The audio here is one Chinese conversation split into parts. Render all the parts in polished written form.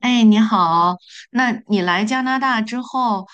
哎，你好。那你来加拿大之后，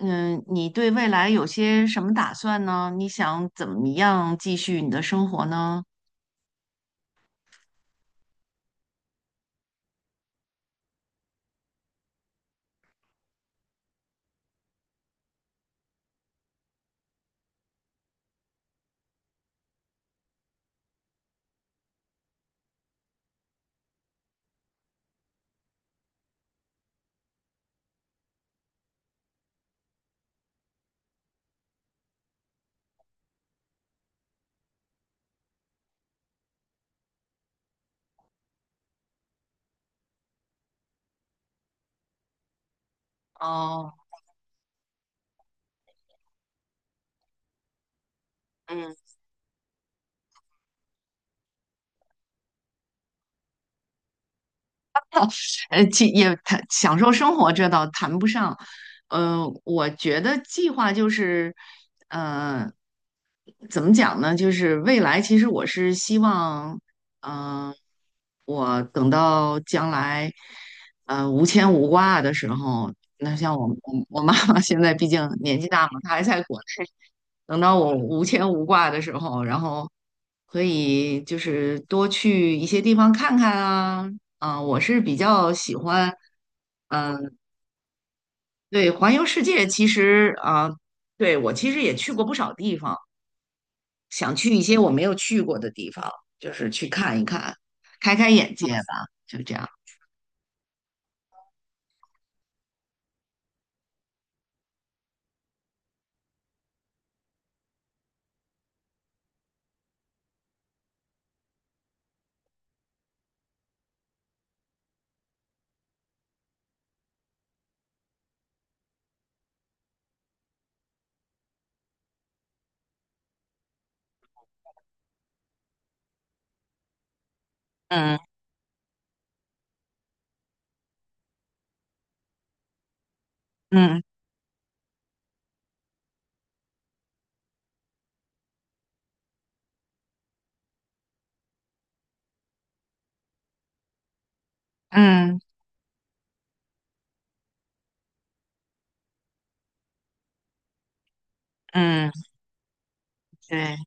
你对未来有些什么打算呢？你想怎么样继续你的生活呢？哦。嗯。其也谈享受生活，这倒谈不上。我觉得计划就是，呃，怎么讲呢？就是未来，其实我是希望，嗯、我等到将来，无牵无挂的时候，那像我妈妈现在毕竟年纪大嘛，她还在国内。等到我无牵无挂的时候，然后可以就是多去一些地方看看啊。啊，我是比较喜欢，嗯、对，环游世界其实啊、对，我其实也去过不少地方，想去一些我没有去过的地方，就是去看一看，开开眼界吧，就这样。嗯嗯嗯嗯，对。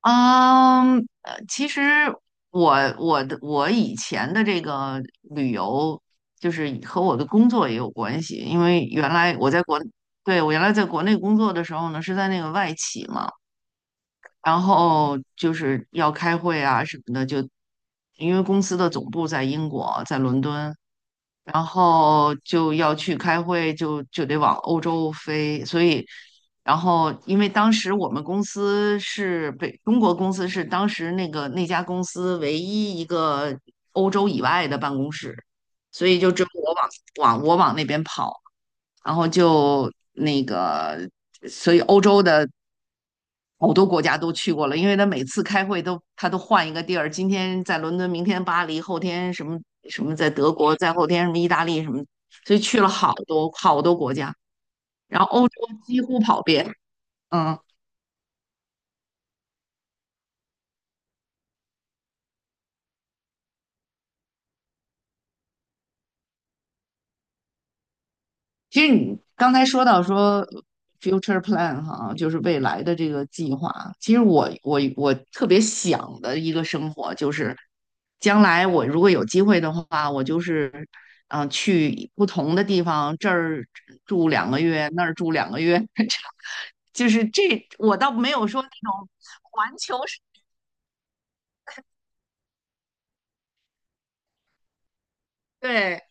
嗯，其实我我以前的这个旅游，就是和我的工作也有关系，因为原来我在国，对，我原来在国内工作的时候呢，是在那个外企嘛，然后就是要开会啊什么的，就因为公司的总部在英国，在伦敦，然后就要去开会，就得往欧洲飞。所以，然后因为当时我们公司是北中国公司是当时那个那家公司唯一一个欧洲以外的办公室，所以就只有我我往那边跑，然后就那个，所以欧洲的好多国家都去过了，因为他每次开会他都换一个地儿，今天在伦敦，明天巴黎，后天什么什么在德国，再后天什么意大利什么，所以去了好多好多国家，然后欧洲几乎跑遍。嗯，其实你刚才说到 future plan 哈，就是未来的这个计划。其实我特别想的一个生活就是，将来我如果有机会的话，我就是去不同的地方，这儿住两个月，那儿住两个月，这样就是我倒没有说那种环球式。对，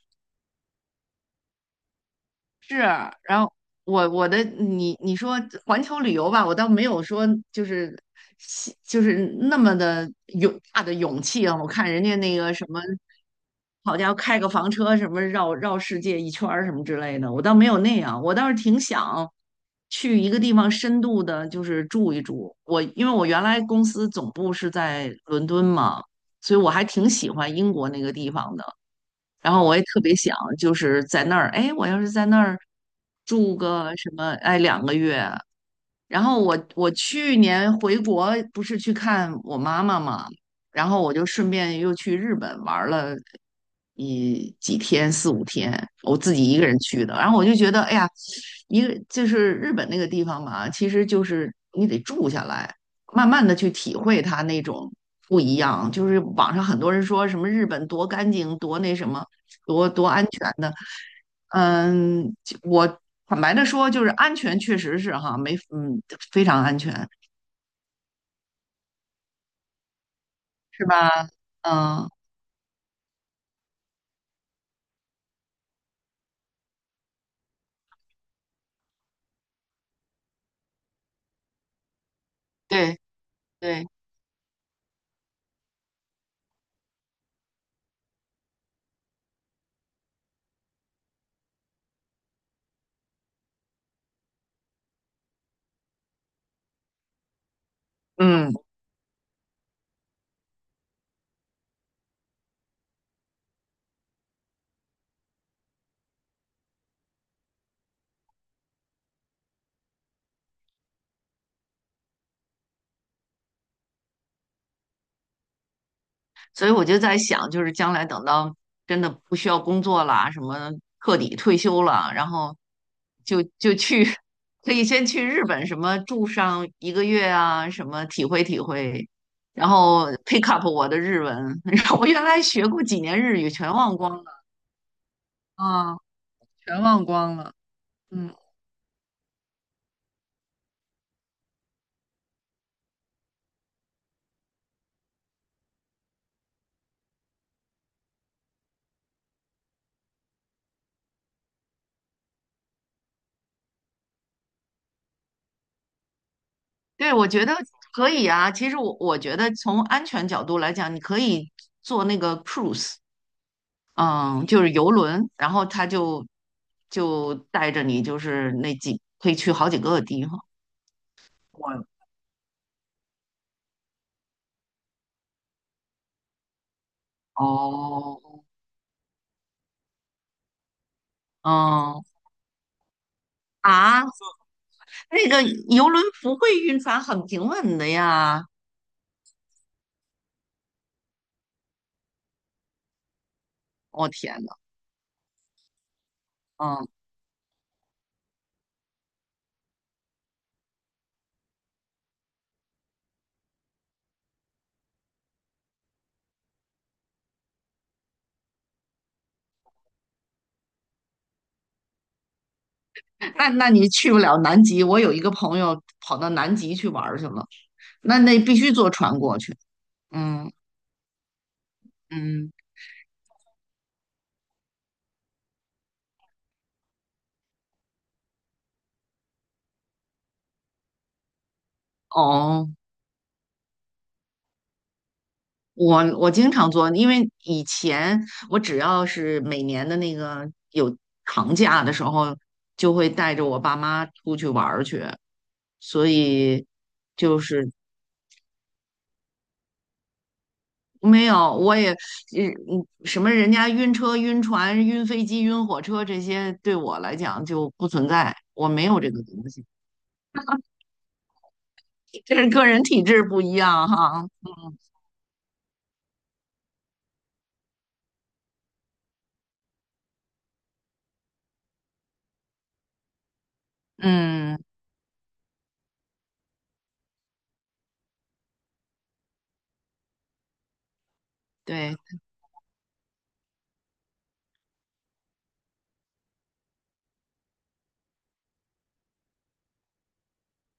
是。然后我我的你说环球旅游吧，我倒没有说就是那么的勇大的勇气啊。我看人家那个什么，好家伙，开个房车什么绕绕世界一圈儿什么之类的，我倒没有那样。我倒是挺想去一个地方深度的，就是住一住。因为我原来公司总部是在伦敦嘛，所以我还挺喜欢英国那个地方的。然后我也特别想，就是在那儿，哎，我要是在那儿住个什么，哎，两个月，然后我去年回国不是去看我妈妈嘛，然后我就顺便又去日本玩了一几天四五天，我自己一个人去的。然后我就觉得，哎呀，一个就是日本那个地方嘛，其实就是你得住下来，慢慢的去体会它那种不一样。就是网上很多人说什么日本多干净，多那什么，多安全的。嗯，我坦白的说，就是安全确实是哈，没嗯非常安全。是吧？嗯，对对，嗯，所以我就在想，就是将来等到真的不需要工作啦，什么彻底退休了，然后就去，可以先去日本什么住上1个月啊，什么体会体会，然后 pick up 我的日文，然后我原来学过几年日语全忘光了啊，全忘光了。嗯。对，我觉得可以啊。其实我觉得从安全角度来讲，你可以坐那个 cruise，嗯，就是游轮，然后他就带着你，就是那可以去好几个地方。我哦，嗯啊，那个游轮不会晕船，很平稳的呀。天呐，嗯，那你去不了南极。我有一个朋友跑到南极去玩儿去了，那必须坐船过去。嗯嗯，哦。我经常做，因为以前我只要是每年的那个有长假的时候，就会带着我爸妈出去玩儿去，所以就是没有，我也什么人家晕车、晕船、晕飞机、晕火车这些，对我来讲就不存在，我没有这个东西。这是个人体质不一样哈。嗯，嗯对，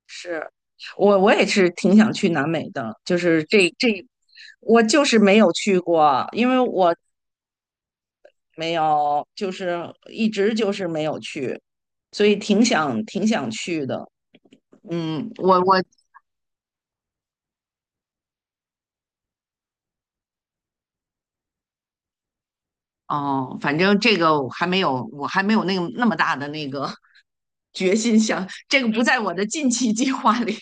是，我也是挺想去南美的，就是这，我就是没有去过，因为我没有，就是一直就是没有去，所以挺想挺想去的。嗯，哦，反正这个我还没有，我还没有那个那么大的那个 决心想，这个不在我的近期计划里。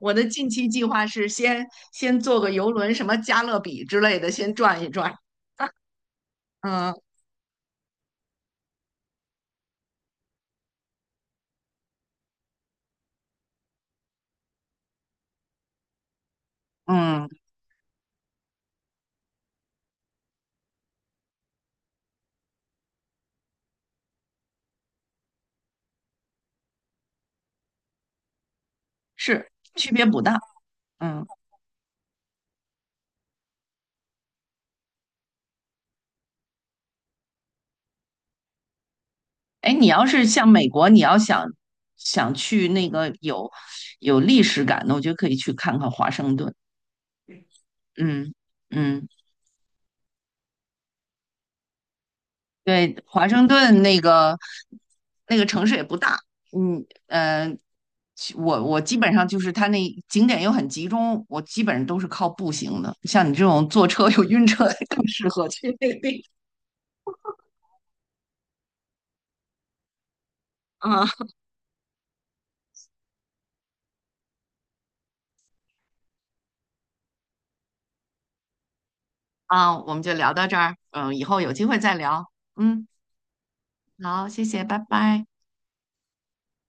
我的近期计划是先坐个游轮，什么加勒比之类的，先转一转。嗯嗯。是区别不大。嗯，哎，你要是像美国，你要想去那个有历史感的，我觉得可以去看看华盛顿。嗯嗯，对，华盛顿那个城市也不大。嗯呃，我基本上就是它那景点又很集中，我基本上都是靠步行的。像你这种坐车又晕车，更适合去那个地方啊。啊，我们就聊到这儿。嗯，以后有机会再聊。嗯，好，谢谢，拜拜。